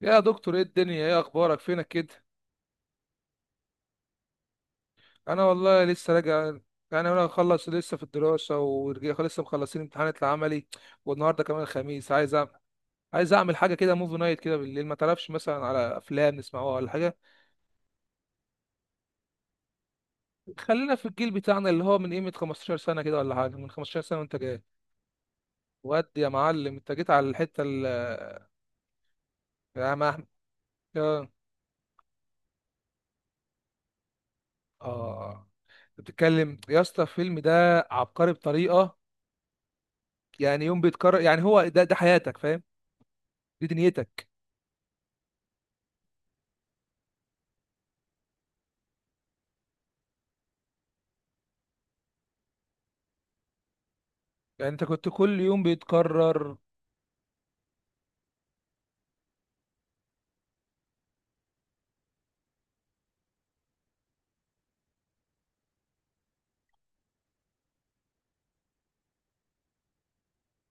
يا دكتور ايه الدنيا؟ ايه اخبارك؟ فينك كده؟ انا والله لسه راجع. يعني انا مخلص لسه في الدراسه ورجع لسه مخلصين امتحانات العملي والنهارده كمان الخميس عايز أعمل. عايز اعمل حاجه كده، موفي نايت كده بالليل، ما تعرفش مثلا على افلام نسمعوها ولا حاجه؟ خلينا في الجيل بتاعنا اللي هو من قيمه 15 سنه كده ولا حاجه، من 15 سنه وانت جاي. ودي يا معلم انت جيت على الحته يا محمد. اه آه. بتتكلم يا اسطى، الفيلم ده عبقري بطريقه. يعني يوم بيتكرر، يعني هو ده حياتك، فاهم؟ دي دنيتك. يعني انت كنت كل يوم بيتكرر؟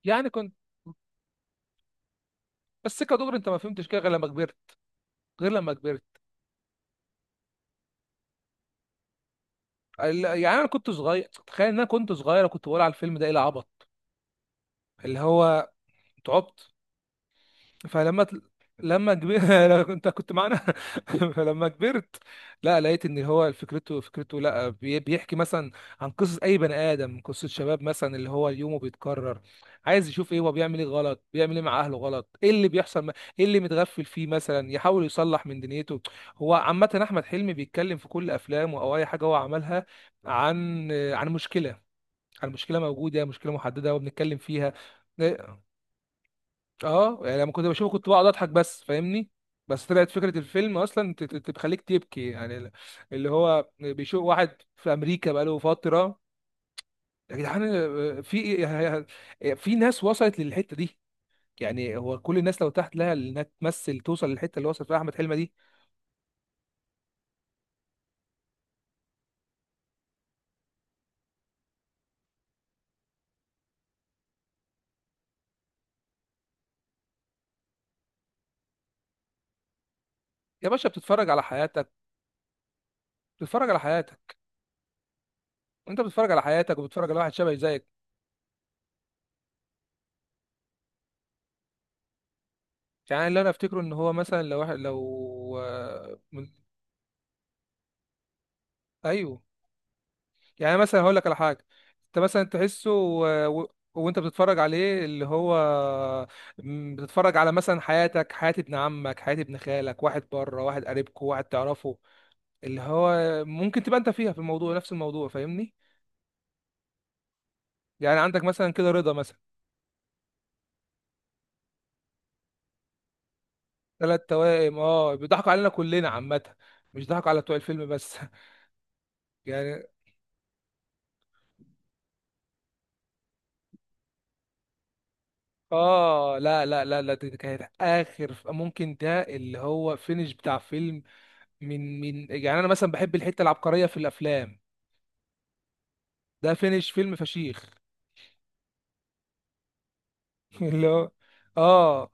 يعني كنت بس كدغري انت ما فهمتش كده غير لما كبرت، غير لما كبرت. يعني انا كنت صغير، تخيل ان انا كنت صغير وكنت بقول على الفيلم ده ايه العبط اللي هو، تعبت. فلما تل- لما كبر انت كنت معانا فلما كبرت، لا لقيت ان هو فكرته، فكرته لا بيحكي مثلا عن قصص اي بني ادم، قصة شباب مثلا اللي هو يومه بيتكرر، عايز يشوف ايه هو، بيعمل ايه غلط، بيعمل ايه مع اهله غلط، ايه اللي بيحصل ايه اللي متغفل فيه مثلا، يحاول يصلح من دنيته. هو عامة احمد حلمي بيتكلم في كل افلامه او اي حاجة هو عملها عن مشكلة، عن مشكلة موجودة، مشكلة محددة وبنتكلم فيها. آه، اه يعني لما كنت بشوفه كنت بقعد اضحك بس، فاهمني؟ بس طلعت فكرة الفيلم اصلا تخليك تبكي يعني. اللي هو بيشوف واحد في امريكا بقاله فترة، يا جدعان. في ناس وصلت للحتة دي. يعني هو كل الناس لو تحت لها انها تمثل توصل للحتة اللي وصل فيها احمد حلمي دي. يا باشا بتتفرج على حياتك، بتتفرج على حياتك. انت بتتفرج على حياتك وبتتفرج على واحد شبه زيك. يعني اللي انا افتكره ان هو مثلا لو واحد لو آه، من- ايوه. يعني مثلا هقول لك على حاجه، انت مثلا تحسه وانت بتتفرج عليه اللي هو بتتفرج على مثلا حياتك، حياة ابن عمك، حياة ابن خالك، واحد بره، واحد قريبكو، واحد تعرفه، اللي هو ممكن تبقى انت فيها في الموضوع، نفس الموضوع، فاهمني؟ يعني عندك مثلا كده رضا مثلا، ثلاث توائم. اه، بيضحكوا علينا كلنا عامة، مش ضحكوا على بتوع الفيلم بس. يعني اه لا لا لا لا، دي كانت اخر ممكن ده اللي هو فينش بتاع فيلم. من يعني انا مثلا بحب الحته العبقريه في الافلام، ده فينش فيلم فشيخ. اللي هو، اه،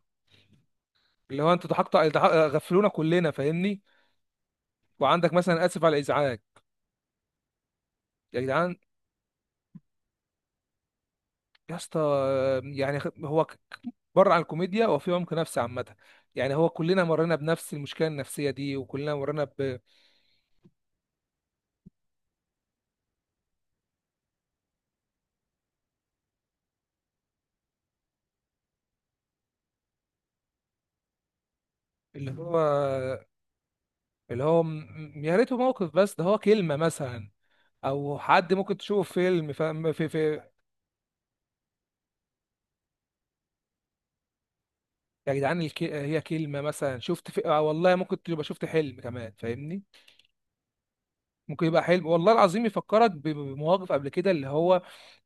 اللي هو انتوا ضحكتوا غفلونا كلنا فاهمني. وعندك مثلا اسف على الازعاج، يا جدعان، يا اسطى، يعني بره عن الكوميديا هو في عمق نفسي عامه. يعني هو كلنا مرينا بنفس المشكله النفسيه دي، وكلنا مرينا ب اللي هو، اللي هو يا ريته موقف بس، ده هو كلمه مثلا، او حد ممكن تشوفه في فيلم، يا جدعان. هي كلمة مثلا شفت آه والله، ممكن تبقى شفت حلم كمان، فاهمني؟ ممكن يبقى حلم، والله العظيم، يفكرك بمواقف قبل كده، اللي هو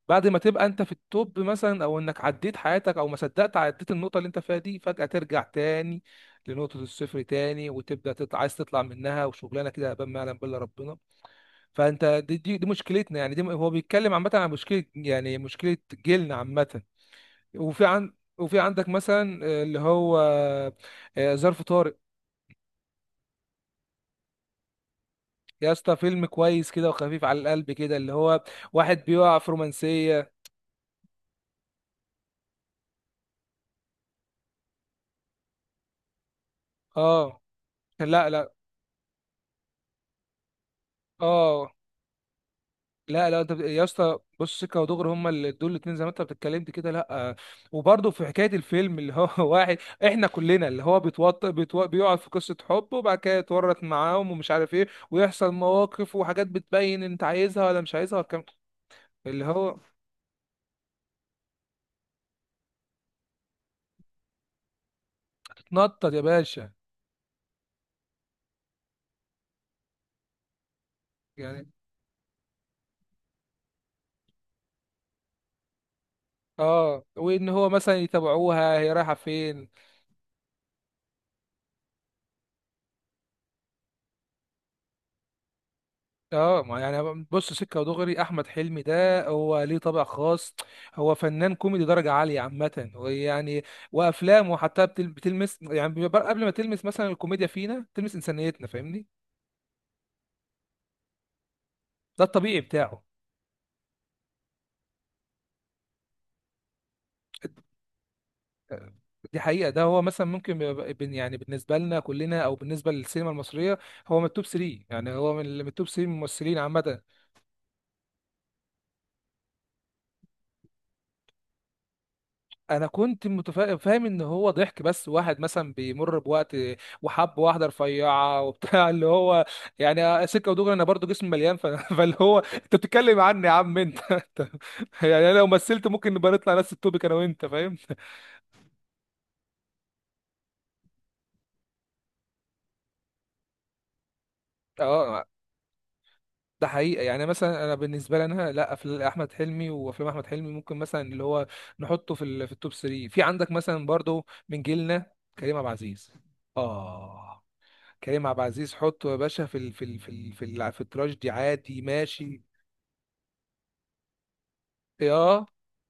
بعد ما تبقى انت في التوب مثلا، او انك عديت حياتك، او ما صدقت عديت النقطة اللي انت فيها دي، فجأة ترجع تاني لنقطة الصفر تاني، وتبدأ تطلع، عايز تطلع منها وشغلانة كده هبان ما يعلم بالله ربنا. فانت دي مشكلتنا يعني، دي هو بيتكلم عامة عن مشكلة، يعني مشكلة جيلنا عامة. وفي عن وفي عندك مثلا اللي هو ظرف طارئ، يا اسطى، فيلم كويس كده وخفيف على القلب كده، اللي هو واحد بيقع في رومانسية. اه لا لا اه لا لا، انت يا اسطى بص سكه ودغري، هما اللي دول الاتنين زي ما انت بتتكلمت كده، لا. وبرضه في حكايه الفيلم اللي هو واحد، احنا كلنا، اللي هو بيقع في قصه حب، وبعد كده يتورط معاهم ومش عارف ايه، ويحصل مواقف وحاجات بتبين انت عايزها ولا مش عايزها والكلام. اللي هو تتنطط يا باشا. يعني اه، وان هو مثلا يتابعوها هي رايحه فين. اه، ما يعني بص سكه ودغري، احمد حلمي ده هو ليه طابع خاص، هو فنان كوميدي درجه عاليه عامه، ويعني وافلامه حتى بتلمس، يعني بيبقى قبل ما تلمس مثلا الكوميديا فينا تلمس انسانيتنا، فاهمني؟ ده الطبيعي بتاعه. دي حقيقه، ده هو مثلا ممكن يبقى يعني بالنسبه لنا كلنا او بالنسبه للسينما المصريه هو من التوب 3، يعني هو من التوب 3 ممثلين عامه. انا كنت فاهم ان هو ضحك بس، واحد مثلا بيمر بوقت وحب واحده رفيعه وبتاع، اللي هو يعني سكه ودغري انا برضو جسمي مليان فاللي هو انت بتتكلم عني يا عم انت. يعني انا لو مثلت ممكن نبقى نطلع نفس التوبيك، انا وانت فاهم. اه، ده حقيقة. يعني مثلا انا بالنسبة لي انا، لا افلام احمد حلمي، وافلام احمد حلمي ممكن مثلا اللي هو نحطه في في التوب 3. في عندك مثلا برضو من جيلنا كريم عبد العزيز. اه، كريم عبد العزيز حطه يا باشا في ال في ال في ال في, ال في التراجيدي عادي ماشي. يا،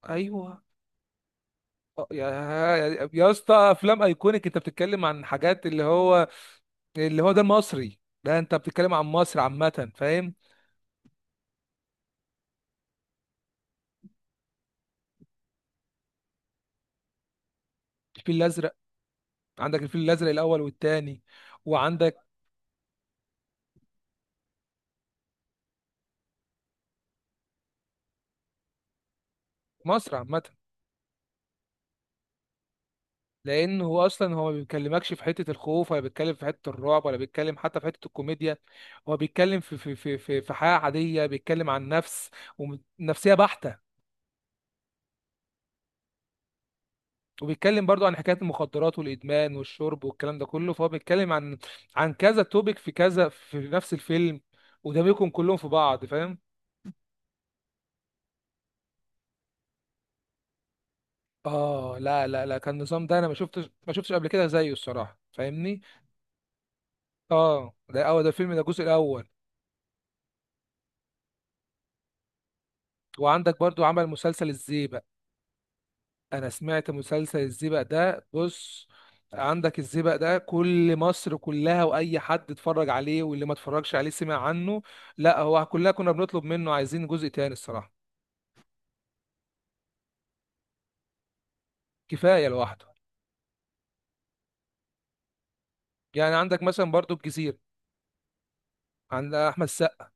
ايوه، آه، يا يا اسطى افلام ايكونيك، انت بتتكلم عن حاجات اللي هو، اللي هو ده المصري، ده انت بتتكلم عن مصر عامه، فاهم؟ الفيل الازرق. عندك الفيل الازرق الاول والتاني، وعندك مصر عامه. لانه هو اصلا هو ما بيكلمكش في حته الخوف، ولا بيتكلم في حته الرعب، ولا بيتكلم حتى في حته الكوميديا. هو بيتكلم في حياه عاديه، بيتكلم عن نفس ونفسيه بحته. وبيتكلم برضو عن حكاية المخدرات والإدمان والشرب والكلام ده كله، فهو بيتكلم عن كذا توبيك في كذا في نفس الفيلم، ودمجهم كلهم في بعض، فاهم؟ اه لا لا لا، كان النظام ده انا ما شفتش قبل كده زيه الصراحة، فاهمني؟ اه، ده اول، ده الفيلم ده الجزء الاول. وعندك برضو عمل مسلسل الزيبق، انا سمعت مسلسل الزيبق ده بص. عندك الزيبق ده كل مصر كلها، واي حد اتفرج عليه، واللي ما اتفرجش عليه سمع عنه. لا، هو كلنا كنا بنطلب منه عايزين جزء تاني الصراحة، كفايه لوحده. يعني عندك مثلا برضو الجزيره، عند احمد السقا.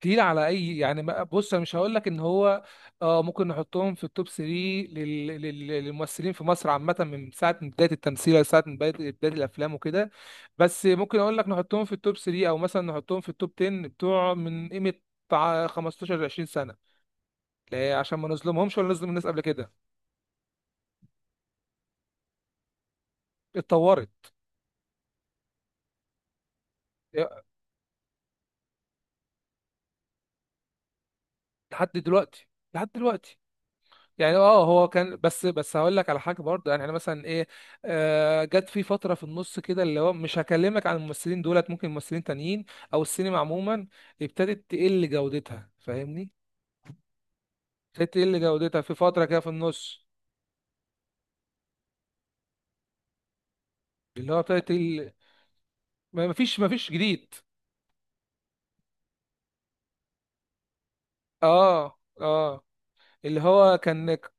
تقيل على اي يعني، بص انا مش هقول لك ان هو، اه، ممكن نحطهم في التوب 3 للممثلين في مصر عامه من ساعه من بدايه التمثيل لساعه من بدايه بداية الافلام وكده. بس ممكن اقول لك نحطهم في التوب 3 او مثلا نحطهم في التوب 10 بتوع من قيمه بتاع 15 ل 20 سنه، لا، عشان ما نظلمهمش ولا نظلم الناس قبل كده. اتطورت لحد دلوقتي، لحد دلوقتي. يعني اه هو كان، بس هقول لك على حاجه برضه، يعني انا مثلا ايه، آه جت في فتره في النص كده، اللي هو مش هكلمك عن الممثلين دولت، ممكن ممثلين تانيين او السينما عموما ابتدت تقل جودتها، فاهمني؟ ابتدت تقل جودتها في فتره كده في النص، اللي هو ابتدت تقل، ما فيش جديد. اه اه، اللي هو كان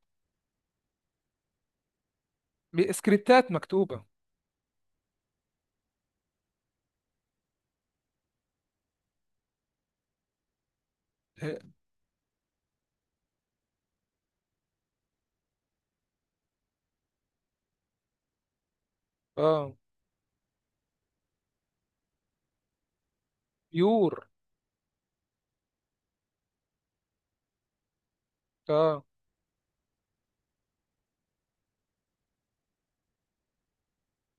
سكريبتات مكتوبه. اه، بيور. اه،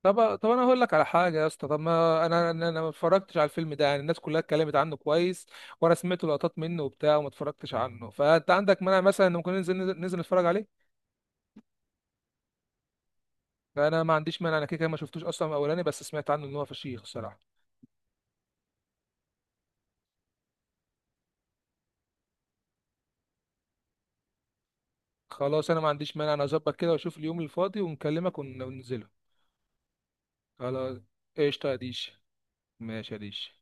طب طب انا هقول لك على حاجه يا اسطى، طب ما انا ما اتفرجتش على الفيلم ده، يعني الناس كلها اتكلمت عنه كويس، وانا سمعت لقطات منه وبتاع وما اتفرجتش عنه، فانت عندك مانع مثلا إن ممكن ننزل نتفرج عليه؟ انا ما عنديش مانع، انا كده كده ما شفتوش اصلا من اولاني، بس سمعت عنه ان هو فشيخ الصراحه. خلاص انا ما عنديش مانع، انا اظبط كده واشوف اليوم الفاضي ونكلمك وننزله. خلاص، قشطه يا ديش. ماشي يا ديش.